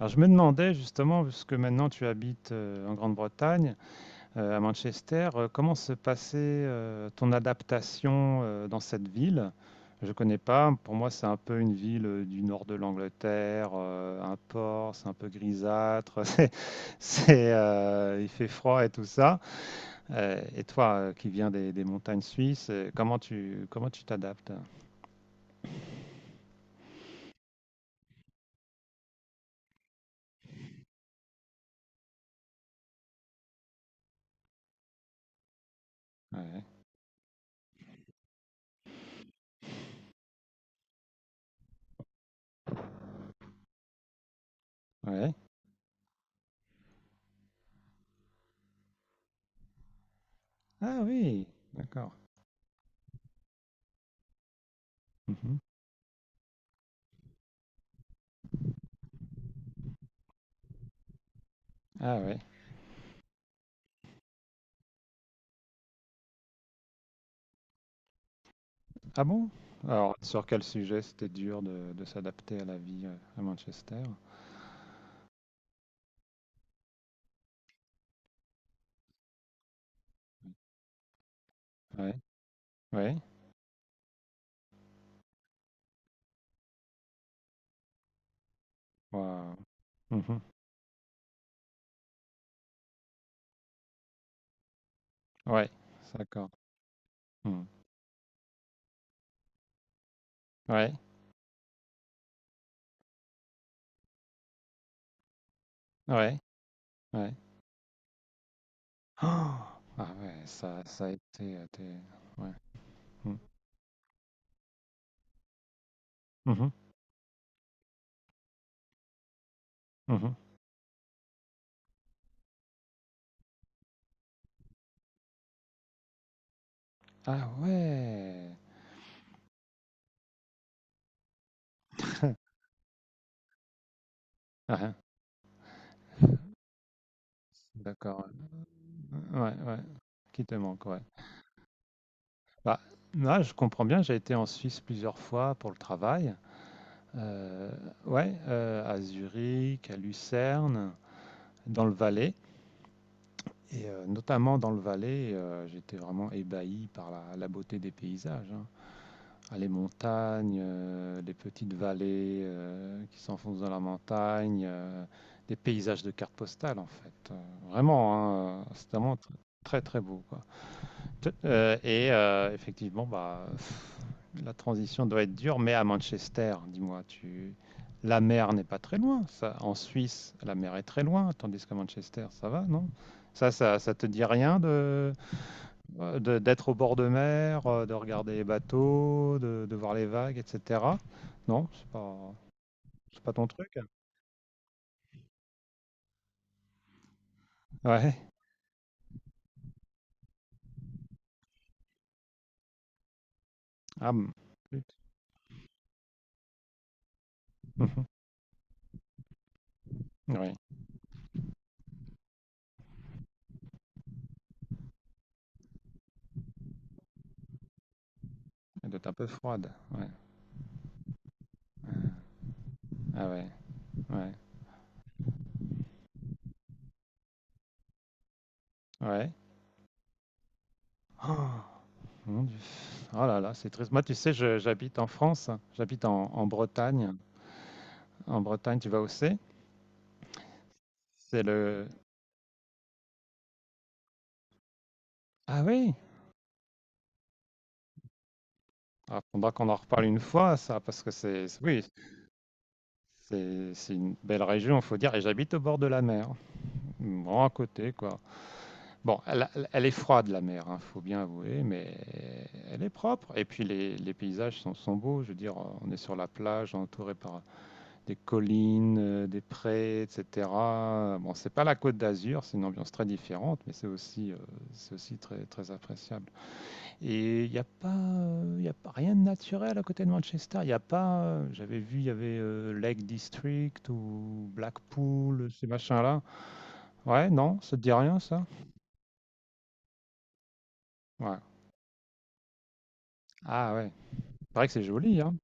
Alors je me demandais justement, puisque maintenant tu habites en Grande-Bretagne, à Manchester, comment se passait ton adaptation dans cette ville? Je ne connais pas, pour moi c'est un peu une ville du nord de l'Angleterre, un port, c'est un peu grisâtre, il fait froid et tout ça. Et toi qui viens des montagnes suisses, comment tu t'adaptes? Ouais. Ouais. Ah oui, d'accord. Mhm. Ah ouais. Ah bon? Alors, sur quel sujet c'était dur de s'adapter à la vie à Manchester? Ouais, ouais, waouh. Mhm. Ouais, d'accord. Hmm. Ouais, ouais, ouais. Oh, ah ouais, ça a été. Ouais. Hmm. Mhm, mhm. Ah ouais. Ah, hein. D'accord. Ouais, ouais. Qui te manque, ouais. Bah, là, je comprends bien, j'ai été en Suisse plusieurs fois pour le travail. euh, ouais, à Zurich, à Lucerne, dans le Valais. Et notamment dans le Valais, j'étais vraiment ébahi par la beauté des paysages, hein. Ah, les montagnes, les petites vallées qui s'enfoncent dans la montagne, des paysages de cartes postales en fait. Vraiment, hein, c'est vraiment très très beau, quoi. Et effectivement, bah, la transition doit être dure, mais à Manchester, dis-moi, tu... la mer n'est pas très loin. Ça, en Suisse, la mer est très loin, tandis qu'à Manchester, ça va, non, ça te dit rien d'être au bord de mer, de regarder les bateaux, de voir les vagues, etc. Non, c'est pas ton truc. Ouais. Ah, bon. Flûte. Mhm. Oui. Elle doit être un peu froide. Ouais. Ah ouais. Ouais. Ouais. Oh, mon Dieu. Oh là là, c'est triste. Moi, tu sais, j'habite en France, j'habite en Bretagne. En Bretagne, tu vas où c'est? C'est le... Ah oui! Ah, faudra qu'on en reparle une fois, ça, parce que oui, c'est une belle région, faut dire, et j'habite au bord de la mer. Bon, à côté, quoi. Bon, elle est froide, la mer, hein, faut bien avouer, mais elle est propre. Et puis, les paysages sont beaux, je veux dire, on est sur la plage, entouré par des collines, des prés, etc. Bon, c'est pas la Côte d'Azur, c'est une ambiance très différente, mais c'est aussi très, très appréciable. Et il n'y a pas, il y a pas rien de naturel à côté de Manchester. Il y a pas, J'avais vu, il y avait Lake District ou Blackpool, ces machins-là. Ouais, non, ça te dit rien, ça? Ouais. Ah ouais. Il paraît que c'est joli, hein?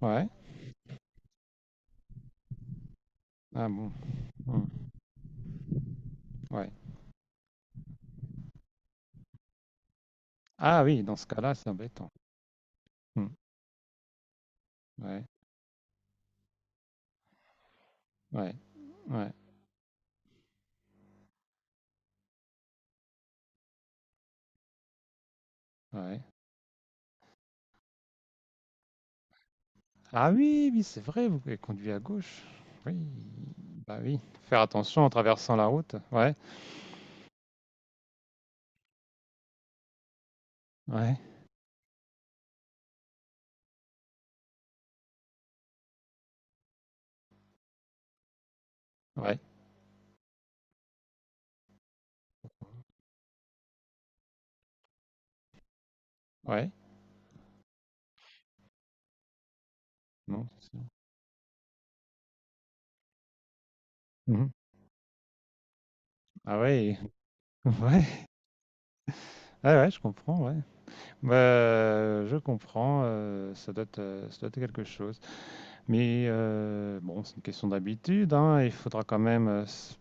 Ouais. Ah bon. Hmm. Ouais. Ah oui, dans ce cas-là, c'est embêtant. Hmm. Ouais. Ouais. Ouais. Ouais. Ah oui, oui, c'est vrai, vous avez conduit à gauche. Oui, bah oui. Faire attention en traversant la route. Ouais, ouais, ouais, ouais. Non, c'est sûr. Mhm. Ah ouais, ouais, ouais, ouais, je comprends, ouais. Bah, je comprends, ça doit être quelque chose. Mais bon, c'est une question d'habitude, hein, il faudra quand même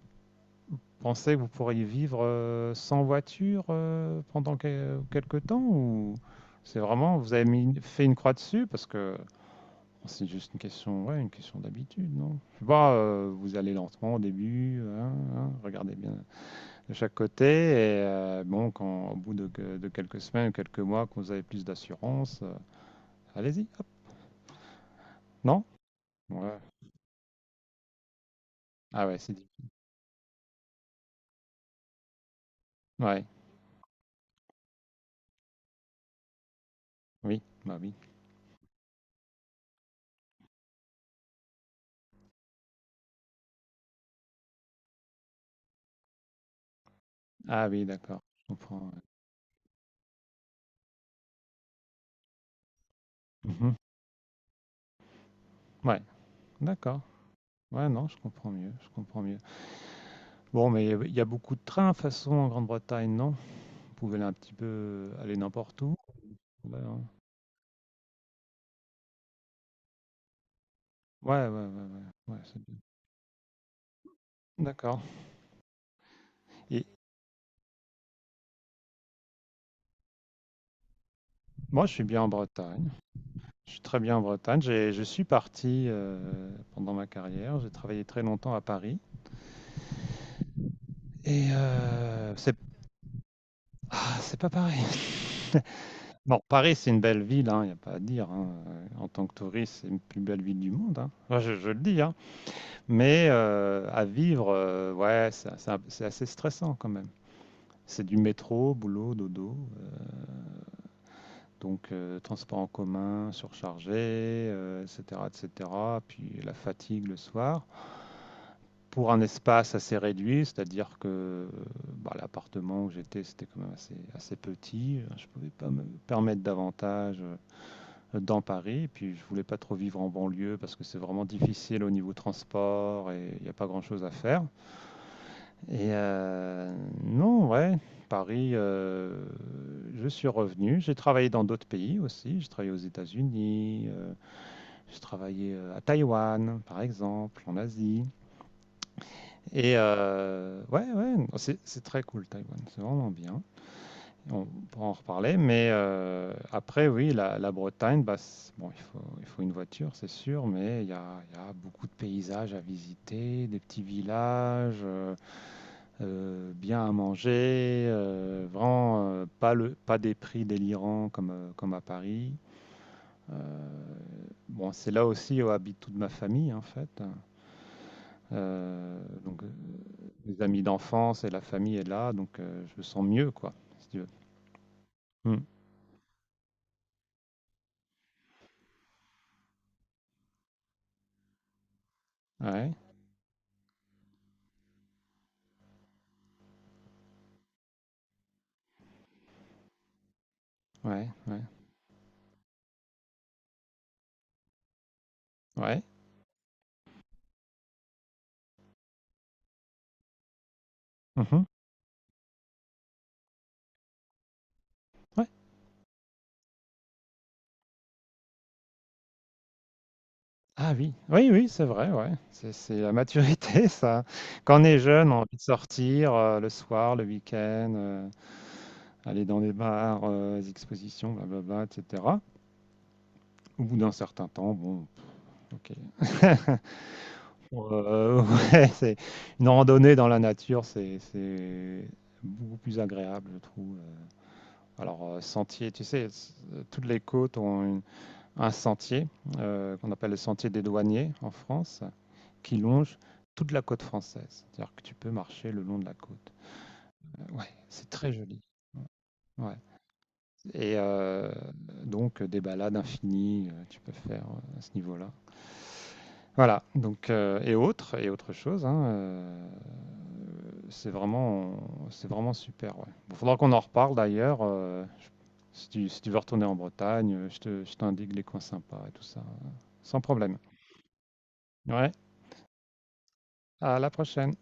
penser que vous pourriez vivre sans voiture pendant quelque temps ou c'est vraiment, vous avez mis, fait une croix dessus parce que C'est juste une question, ouais, une question d'habitude, non? Je sais pas, vous allez lentement au début, hein, hein, regardez bien de chaque côté, et bon, quand au bout de quelques semaines, quelques mois, que vous avez plus d'assurance, allez-y, hop, non? Ouais. Ah ouais, c'est dit. Ouais, oui, bah oui. Ah oui, d'accord, je comprends. Ouais, mhm. Ouais, d'accord. Ouais, non, je comprends mieux, je comprends mieux. Bon, mais il y a beaucoup de trains, de toute façon, en Grande-Bretagne, non? Vous pouvez aller un petit peu, aller n'importe où. Ouais, hein. Ouais, ouais, ouais, ouais, ouais, c'est bien. D'accord. Et moi, je suis bien en Bretagne. Je suis très bien en Bretagne. J'ai Je suis parti, pendant ma carrière, j'ai travaillé très longtemps à Paris et c'est pas pareil. Bon, Paris, c'est une belle ville, hein, il y a pas à dire, hein, en tant que touriste, c'est une plus belle ville du monde, hein. Moi, je le dis, hein, mais à vivre, ouais, c'est assez stressant quand même. C'est du métro, boulot, dodo. Donc, transport en commun surchargé, etc., etc., puis la fatigue le soir. Pour un espace assez réduit, c'est-à-dire que bah, l'appartement où j'étais, c'était quand même assez, assez petit. Je ne pouvais pas me permettre davantage dans Paris. Et puis, je ne voulais pas trop vivre en banlieue parce que c'est vraiment difficile au niveau transport et il n'y a pas grand-chose à faire. Et non, ouais, Paris, je suis revenu. J'ai travaillé dans d'autres pays aussi. J'ai travaillé aux États-Unis, j'ai travaillé à Taïwan, par exemple, en Asie. Et ouais, ouais, c'est très cool, Taïwan, c'est vraiment bien. On pourra en reparler, mais après, oui, la Bretagne, bah, bon, il faut une voiture, c'est sûr, mais il y a beaucoup de paysages à visiter, des petits villages. Bien à manger, vraiment pas des prix délirants comme, comme à Paris. Euh, bon, c'est là aussi où habite toute ma famille en fait. Euh, donc, les amis d'enfance et la famille est là, donc je me sens mieux, quoi, si tu veux. Hmm. Ouais, ouais, ouais, ouais. Mhm. Ouais. Ah oui, oui, oui, c'est vrai, ouais. C'est la maturité, ça. Quand on est jeune, on a envie de sortir le soir, le week-end, aller dans des bars, les expositions, blablabla, etc. Au bout d'un certain temps, bon, ok. Euh, ouais, c'est une randonnée dans la nature, c'est beaucoup plus agréable, je trouve. Alors, sentier, tu sais, toutes les côtes ont un sentier qu'on appelle le sentier des douaniers en France, qui longe toute la côte française. C'est-à-dire que tu peux marcher le long de la côte. Ouais, c'est très joli. Ouais. Et donc des balades infinies, tu peux faire à ce niveau-là. Voilà, donc et autre chose, hein, c'est vraiment c'est vraiment super. Ouais. Bon, faudra qu'on en reparle d'ailleurs. Si tu veux retourner en Bretagne, je t'indique les coins sympas et tout ça, sans problème. Ouais, à la prochaine.